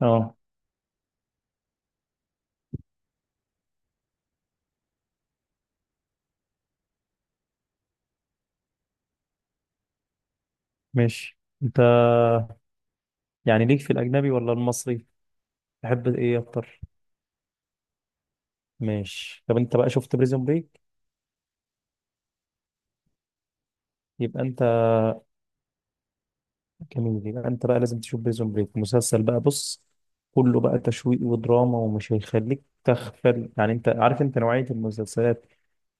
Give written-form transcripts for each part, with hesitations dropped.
اه، ماشي. انت يعني ليك في الاجنبي ولا المصري؟ تحب ايه اكتر؟ ماشي. طب انت بقى شفت بريزون بريك؟ يبقى انت جميل. يبقى انت بقى لازم تشوف بريزون بريك. مسلسل بقى، بص، كله بقى تشويق ودراما ومش هيخليك تغفل. يعني انت عارف انت نوعية المسلسلات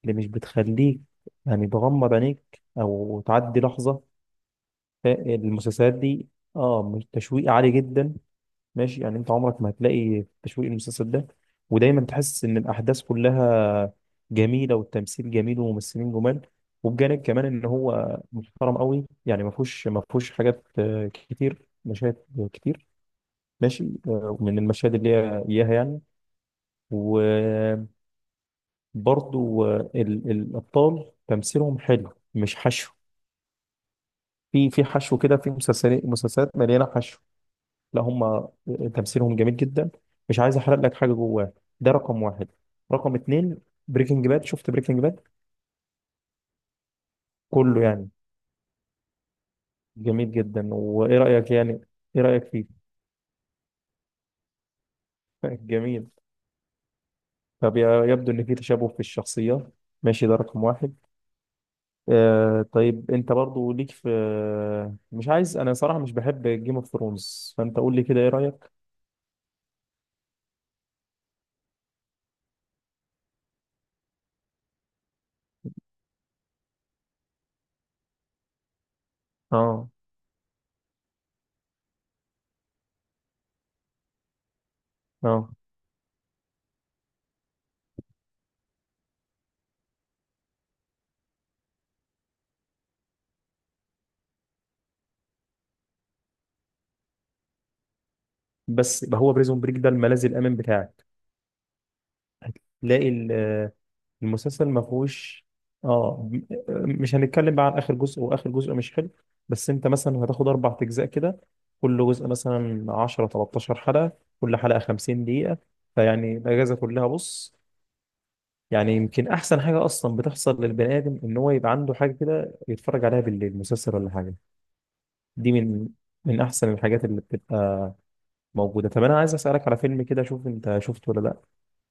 اللي مش بتخليك يعني تغمض عينيك او تعدي لحظة. المسلسلات دي، اه، مش تشويق عالي جدا. ماشي، يعني انت عمرك ما هتلاقي تشويق المسلسل ده، ودايما تحس ان الاحداث كلها جميله، والتمثيل جميل وممثلين جمال. وبجانب كمان ان هو محترم قوي، يعني ما فيهوش حاجات كتير، مشاهد كتير. ماشي. من المشاهد اللي هي اياها يعني. وبرضو الابطال تمثيلهم حلو، مش حشو. في حشو كده في مسلسلات مليانه حشو. لا، هم تمثيلهم جميل جدا. مش عايز احرق لك حاجه جواه. ده رقم واحد. رقم اتنين، بريكنج باد. شفت بريكنج باد؟ كله يعني جميل جدا. وايه رايك يعني، ايه رايك فيه؟ جميل. طب يبدو ان في تشابه في الشخصيات. ماشي، ده رقم واحد. طيب، انت برضو ليك في؟ مش عايز، انا صراحه مش بحب جيم اوف ثرونز، فانت قول لي كده، ايه رايك؟ اه. اه. بس هو بريزون بريك ده الملاذ الامن بتاعك، تلاقي المسلسل ما فيهوش. اه م- مش هنتكلم بقى عن اخر جزء، واخر جزء مش حلو. بس انت مثلا هتاخد اربع اجزاء كده، كل جزء مثلا 10، 13 حلقه، كل حلقه 50 دقيقه. فيعني الاجازه كلها، بص، يعني يمكن احسن حاجه اصلا بتحصل للبني ادم ان هو يبقى عنده حاجه كده يتفرج عليها بالليل، مسلسل ولا حاجه. دي من احسن الحاجات اللي بتبقى موجوده. طب انا عايز اسالك على فيلم كده، اشوف انت شفته ولا لا.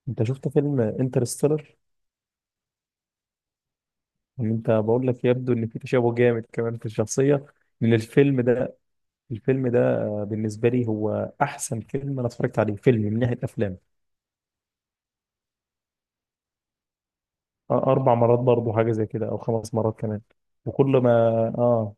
انت شفت فيلم انترستيلر؟ انت، بقول لك يبدو ان في تشابه جامد كمان في الشخصيه من الفيلم ده. الفيلم ده بالنسبه لي هو احسن فيلم انا اتفرجت عليه، فيلم من ناحيه افلام. اربع مرات برضه، حاجه زي كده، او خمس مرات كمان. وكل ما اه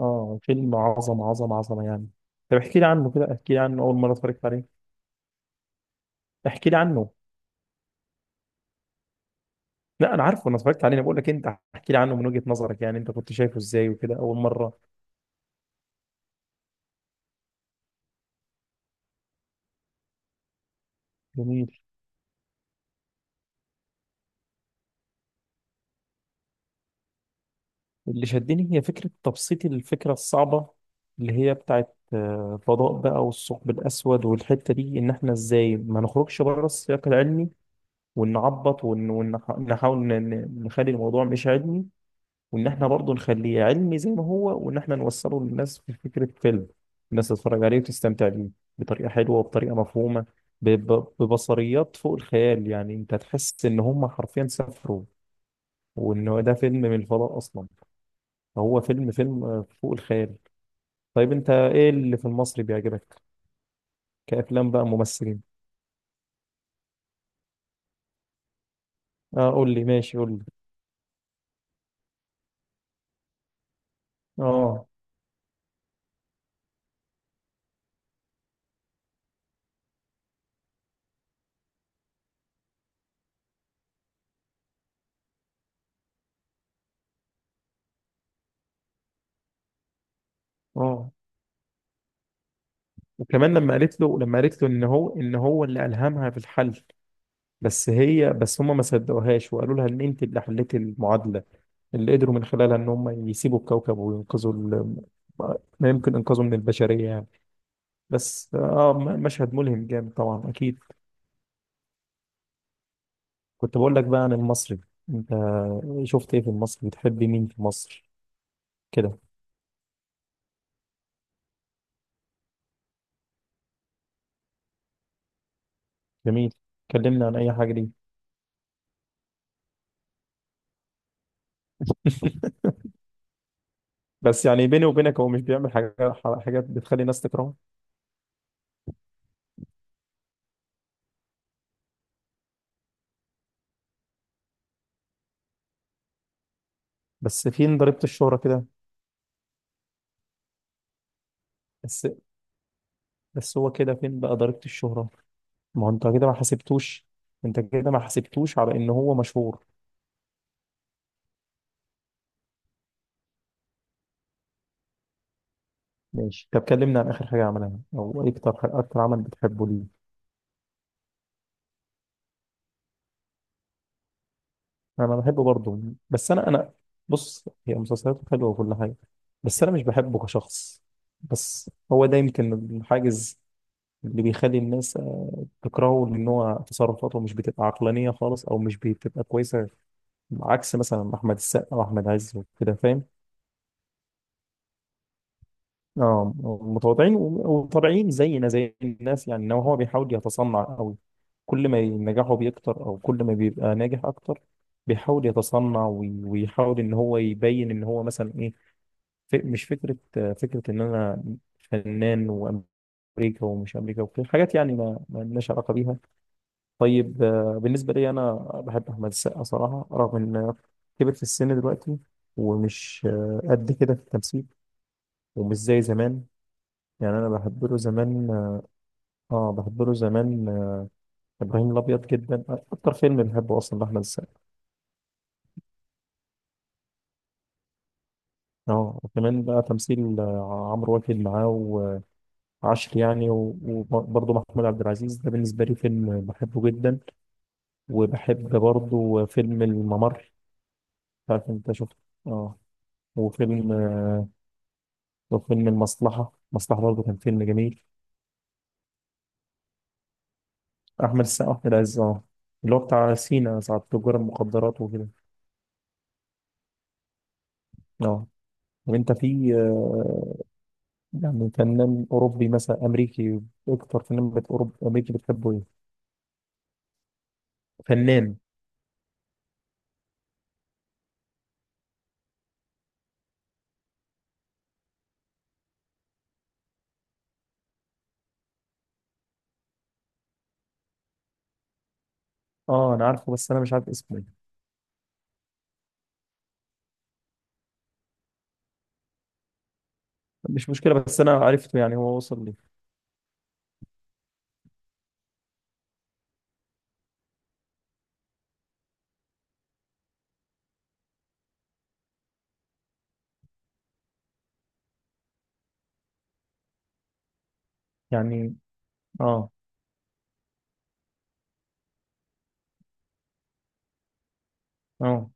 اه فيلم عظمه عظمه عظمه يعني. طب احكي لي عنه كده، احكي لي عنه اول مره اتفرجت عليه. احكي لي عنه. لا، انا عارفه، انا اتفرجت عليه، انا بقول لك انت احكي لي عنه من وجهه نظرك، يعني انت كنت شايفه ازاي وكده اول مره. جميل. اللي شدني هي فكرة تبسيط الفكرة الصعبة، اللي هي بتاعت الفضاء بقى، والثقب الأسود والحتة دي، إن إحنا إزاي ما نخرجش بره السياق العلمي، ونعبط ونحاول نخلي الموضوع مش علمي، وإن إحنا برضه نخليه علمي زي ما هو، وإن إحنا نوصله للناس في فكرة فيلم. الناس تتفرج عليه وتستمتع بيه بطريقة حلوة وبطريقة مفهومة، ببصريات فوق الخيال. يعني أنت تحس إن هم حرفيًا سافروا، وإن هو ده فيلم من الفضاء أصلًا. هو فيلم فوق الخيال. طيب انت ايه اللي في المصري بيعجبك؟ كأفلام بقى، ممثلين. اه، قول لي. ماشي، قول لي. اه. اه. وكمان لما قالت له ان هو اللي ألهمها في الحل. بس هم ما صدقوهاش وقالوا لها ان انت اللي حليتي المعادلة، اللي قدروا من خلالها ان هم يسيبوا الكوكب وينقذوا ما يمكن انقاذه من البشرية يعني. بس مشهد ملهم جامد، طبعا، اكيد. كنت بقول لك بقى عن المصري. انت شفت ايه في المصري؟ بتحب مين في مصر كده؟ جميل. كلمنا عن اي حاجه دي. بس يعني بيني وبينك، هو مش بيعمل حاجات بتخلي الناس تكرهه. بس فين ضريبه الشهره كده؟ بس، بس هو كده فين بقى ضريبه الشهره؟ ما هو انت كده ما حسبتوش، انت كده ما حسبتوش على ان هو مشهور. ماشي. طب كلمنا عن اخر حاجه عملها، او إيه اكتر عمل بتحبه، ليه؟ انا بحبه برضه. بس انا، بص، هي مسلسلاته حلوه وكل حاجه، بس انا مش بحبه كشخص. بس هو ده يمكن الحاجز اللي بيخلي الناس تكرهه، لأن هو تصرفاته مش بتبقى عقلانية خالص، أو مش بتبقى كويسة، عكس مثلا أحمد السقا وأحمد عز وكده، فاهم؟ اه، متواضعين وطبيعيين زينا زي الناس، يعني إنما هو بيحاول يتصنع قوي. كل ما نجاحه بيكتر، أو كل ما بيبقى ناجح أكتر، بيحاول يتصنع، ويحاول إن هو يبين إن هو مثلا إيه، مش فكرة فكرة إن أنا فنان وأمريكا، ومش أمريكا وكده حاجات يعني ما لناش علاقة بيها. طيب بالنسبة لي أنا، بحب أحمد السقا صراحة، رغم إن كبر في السن دلوقتي، ومش قد كده في التمثيل، ومش زي زمان. يعني أنا بحب له زمان. آه، بحب له زمان آه، إبراهيم الأبيض جدا، أكتر فيلم بحبه أصلا لأحمد السقا. وكمان بقى تمثيل عمرو واكد معاه، وعشر يعني، وبرضه محمود عبد العزيز، ده بالنسبة لي فيلم بحبه جدا. وبحب برضه فيلم الممر، مش عارف أنت شفته. آه. وفيلم آه، وفيلم المصلحة برضه، كان فيلم جميل. أحمد السقا، أحمد عز، أه، اللي هو بتاع سينا، ساعة تجار المخدرات وكده. أه. طب أنت في يعني فنان أوروبي مثلا، أمريكي، أكتر فنان أوروبي أمريكي بتحبه إيه؟ فنان. أه، أنا عارفه، بس أنا مش عارف اسمه إيه. مش مشكلة، بس أنا عرفته يعني، هو وصل لي. يعني. أه. أه.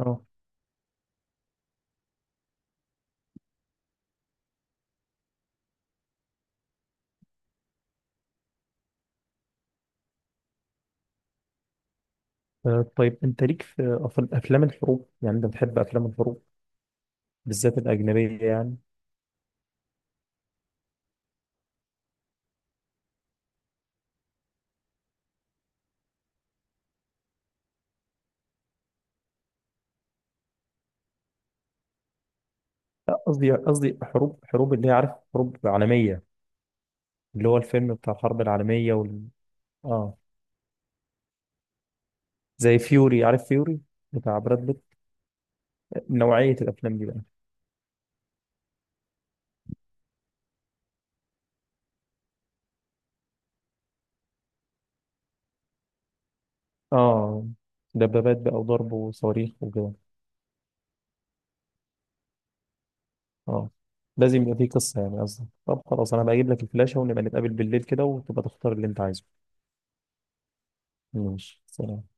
أه. طيب أنت ليك في أفلام الحروب؟ يعني أنت بتحب أفلام الحروب بالذات الأجنبية يعني؟ لا، قصدي حروب، حروب اللي هي، عارف، حروب عالمية، اللي هو الفيلم بتاع الحرب العالمية. اه، زي فيوري، عارف فيوري، بتاع براد بيت، نوعية الأفلام دي بقى. اه، دبابات بقى وضرب وصواريخ وكده. اه، لازم يبقى فيه قصة، يعني قصدي. طب خلاص، أنا بجيب لك الفلاشة ونبقى نتقابل بالليل كده، وتبقى تختار اللي أنت عايزه. ماشي، سلام.